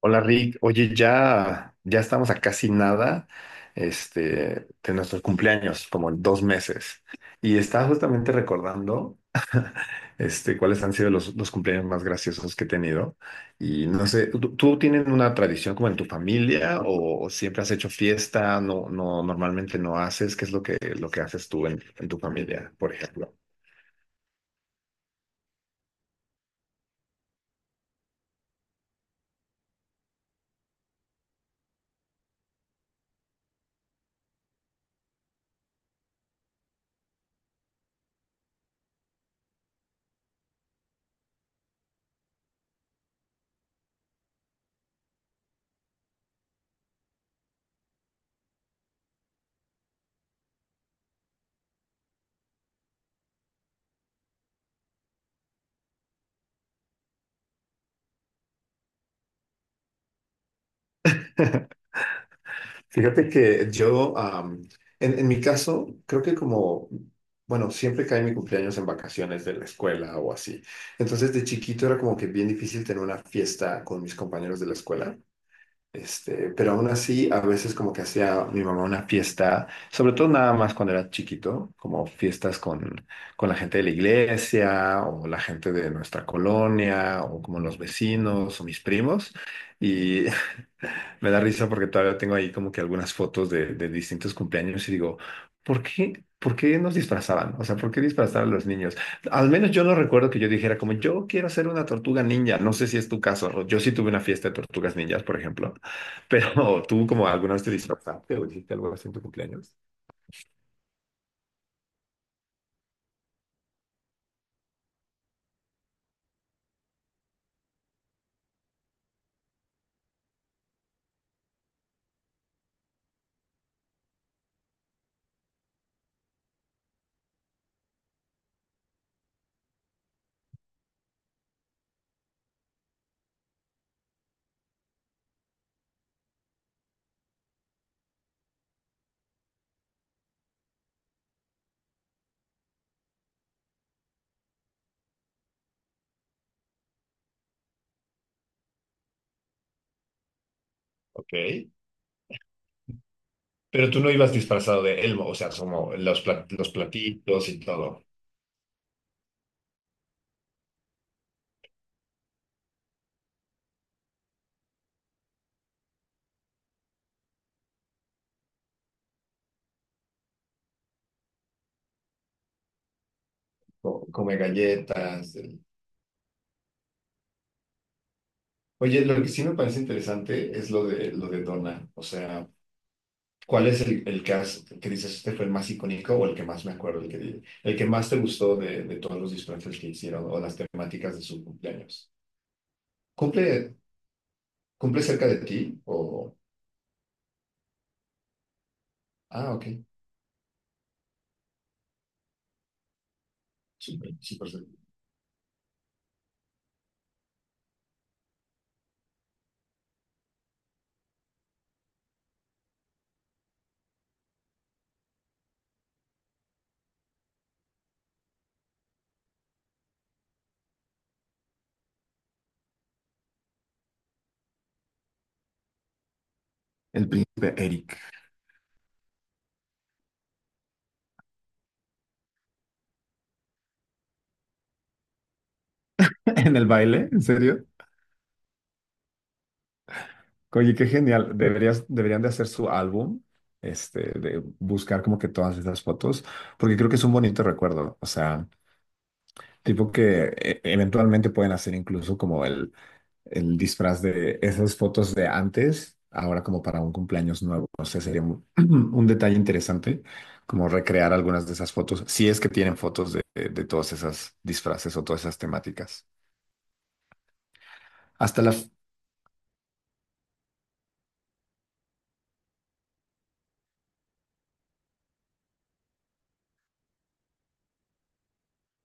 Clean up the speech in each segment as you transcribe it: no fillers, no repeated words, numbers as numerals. Hola Rick, oye, ya, ya estamos a casi nada, de nuestros cumpleaños, como en 2 meses. Y estaba justamente recordando, cuáles han sido los cumpleaños más graciosos que he tenido. Y no sé, ¿tú tienes una tradición como en tu familia o siempre has hecho fiesta? No, no, normalmente no haces. ¿Qué es lo que haces tú en tu familia, por ejemplo? Fíjate que yo, en mi caso, creo que como, bueno, siempre cae mi cumpleaños en vacaciones de la escuela o así. Entonces, de chiquito era como que bien difícil tener una fiesta con mis compañeros de la escuela. Pero aún así, a veces como que hacía mi mamá una fiesta, sobre todo nada más cuando era chiquito, como fiestas con la gente de la iglesia o la gente de nuestra colonia o como los vecinos o mis primos. Y me da risa porque todavía tengo ahí como que algunas fotos de distintos cumpleaños y digo, ¿por qué nos disfrazaban? O sea, ¿por qué disfrazar a los niños? Al menos yo no recuerdo que yo dijera como, yo quiero ser una tortuga ninja. No sé si es tu caso. Yo sí tuve una fiesta de tortugas ninjas, por ejemplo. Pero tú como alguna vez te disfrazaste o hiciste algo así en tu cumpleaños. Ok. Pero tú no ibas disfrazado de Elmo, o sea, como los, los platitos y todo, come galletas. Oye, lo que sí me parece interesante es lo de Donna, o sea. ¿Cuál es el que, que dices este fue el más icónico o el que más me acuerdo, el que más te gustó de todos los disfraces que hicieron o las temáticas de su cumpleaños? ¿Cumple, cumple cerca de ti o...? Ah, ok. Súper, súper cerca. El príncipe Eric. ¿En el baile? ¿En serio? Oye, qué genial. Deberían de hacer su álbum, de buscar como que todas esas fotos, porque creo que es un bonito recuerdo. O sea, tipo que eventualmente pueden hacer incluso como el disfraz de esas fotos de antes, ahora como para un cumpleaños nuevo. No sé, sería un, un detalle interesante, como recrear algunas de esas fotos, si es que tienen fotos de todas esas disfraces o todas esas temáticas. Hasta la...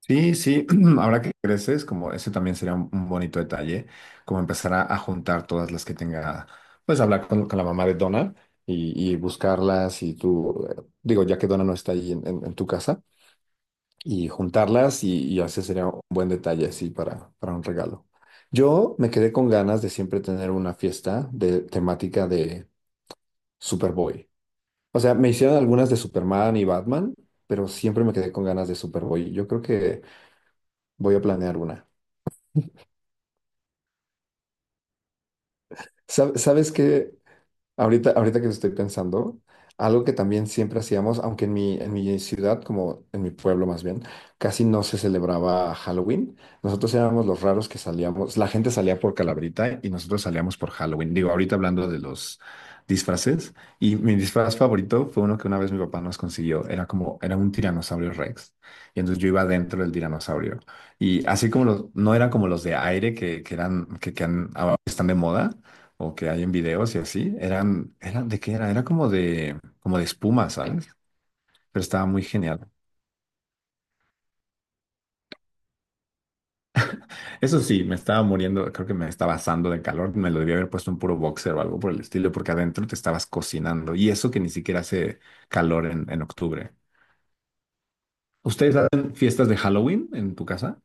Sí, sí, ahora que creces, como ese también sería un bonito detalle, como empezar a juntar todas las que tenga, pues hablar con la mamá de Donna y buscarlas y tú, digo, ya que Donna no está ahí en tu casa y juntarlas y así sería un buen detalle así para un regalo. Yo me quedé con ganas de siempre tener una fiesta de temática de Superboy. O sea, me hicieron algunas de Superman y Batman, pero siempre me quedé con ganas de Superboy. Yo creo que voy a planear una. ¿Sabes qué? Ahorita que estoy pensando, algo que también siempre hacíamos, aunque en mi ciudad, como en mi pueblo más bien, casi no se celebraba Halloween. Nosotros éramos los raros que salíamos, la gente salía por Calabrita y nosotros salíamos por Halloween. Digo, ahorita hablando de los disfraces, y mi disfraz favorito fue uno que una vez mi papá nos consiguió, era como, era un tiranosaurio Rex, y entonces yo iba dentro del tiranosaurio. Y así como los, no eran como los de aire que eran, ahora están de moda o que hay en videos y así, eran, ¿de qué era? Era como de espuma, ¿sabes? Pero estaba muy genial. Eso sí, me estaba muriendo, creo que me estaba asando de calor, me lo debía haber puesto un puro boxer o algo por el estilo, porque adentro te estabas cocinando y eso que ni siquiera hace calor en octubre. ¿Ustedes hacen fiestas de Halloween en tu casa?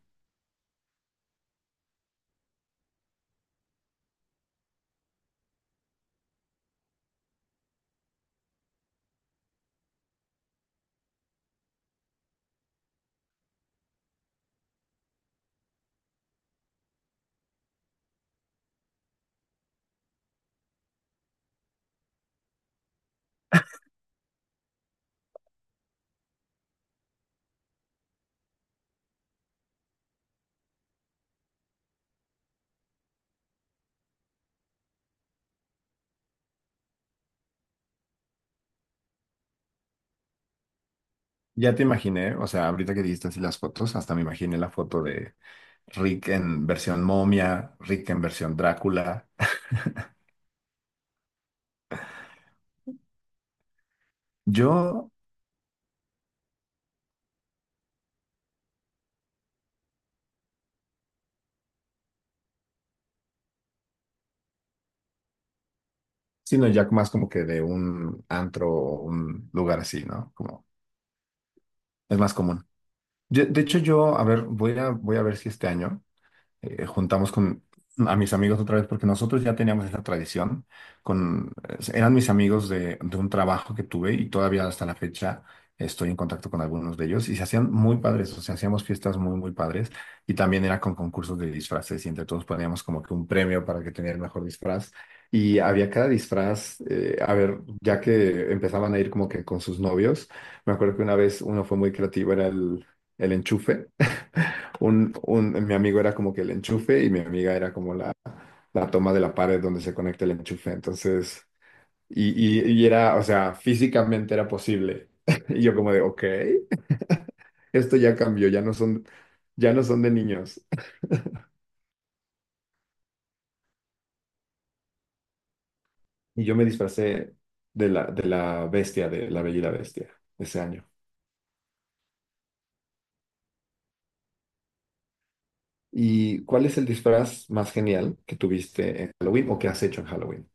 Ya te imaginé, o sea, ahorita que dijiste así las fotos, hasta me imaginé la foto de Rick en versión momia, Rick en versión Drácula. Yo sino ya más como que de un antro o un lugar así, ¿no? Como es más común. De hecho, yo, a ver, voy a ver si este año juntamos con a mis amigos otra vez porque nosotros ya teníamos esa tradición con eran mis amigos de un trabajo que tuve y todavía hasta la fecha estoy en contacto con algunos de ellos y se hacían muy padres, o sea, hacíamos fiestas muy muy padres y también era con concursos de disfraces y entre todos poníamos como que un premio para que tenía el mejor disfraz. Y había cada disfraz, a ver, ya que empezaban a ir como que con sus novios, me acuerdo que una vez uno fue muy creativo, era el enchufe. Mi amigo era como que el enchufe y mi amiga era como la toma de la pared donde se conecta el enchufe. Entonces, y era, o sea, físicamente era posible. Y yo como de, ok, esto ya cambió, ya no son de niños. Y yo me disfracé de la bestia, de la Bella y la Bestia, ese año. ¿Y cuál es el disfraz más genial que tuviste en Halloween o que has hecho en Halloween?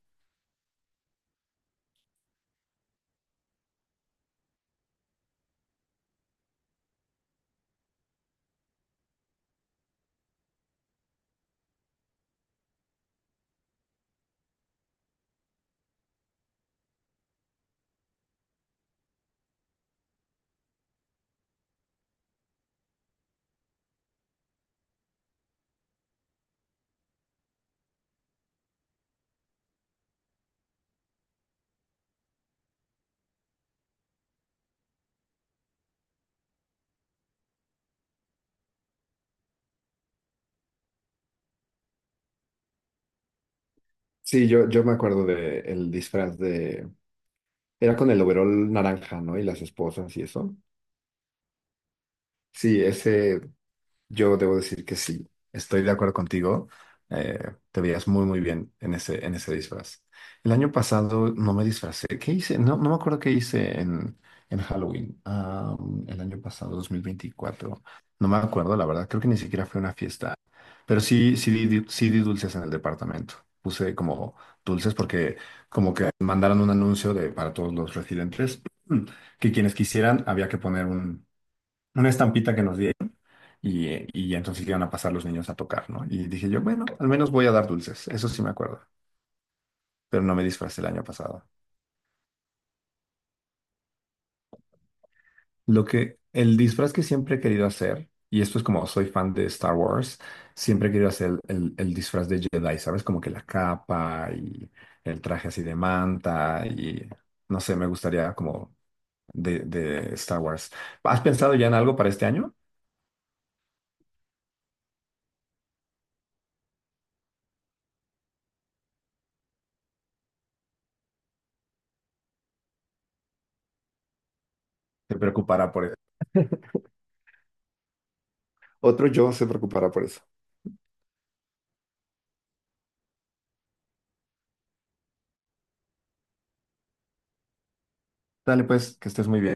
Sí, yo me acuerdo de el disfraz de... Era con el overol naranja, ¿no? Y las esposas y eso. Sí, ese yo debo decir que sí, estoy de acuerdo contigo. Eh, te veías muy, muy bien en ese disfraz. El año pasado no me disfracé. ¿Qué hice? No, no me acuerdo qué hice en Halloween. Ah, el año pasado, 2024. No me acuerdo, la verdad. Creo que ni siquiera fue una fiesta. Pero sí, sí, sí di dulces en el departamento. Puse como dulces porque como que mandaron un anuncio de, para todos los residentes que quienes quisieran había que poner una estampita que nos diera y ya entonces iban a pasar los niños a tocar, ¿no? Y dije yo, bueno, al menos voy a dar dulces, eso sí me acuerdo, pero no me disfracé el año pasado. Lo que, el disfraz que siempre he querido hacer, y esto es como soy fan de Star Wars, siempre he querido hacer el disfraz de Jedi, ¿sabes? Como que la capa y el traje así de manta y no sé, me gustaría como de Star Wars. ¿Has pensado ya en algo para este año? ¿Te preocupará por eso? Otro yo se preocupará por eso. Dale pues, que estés muy bien.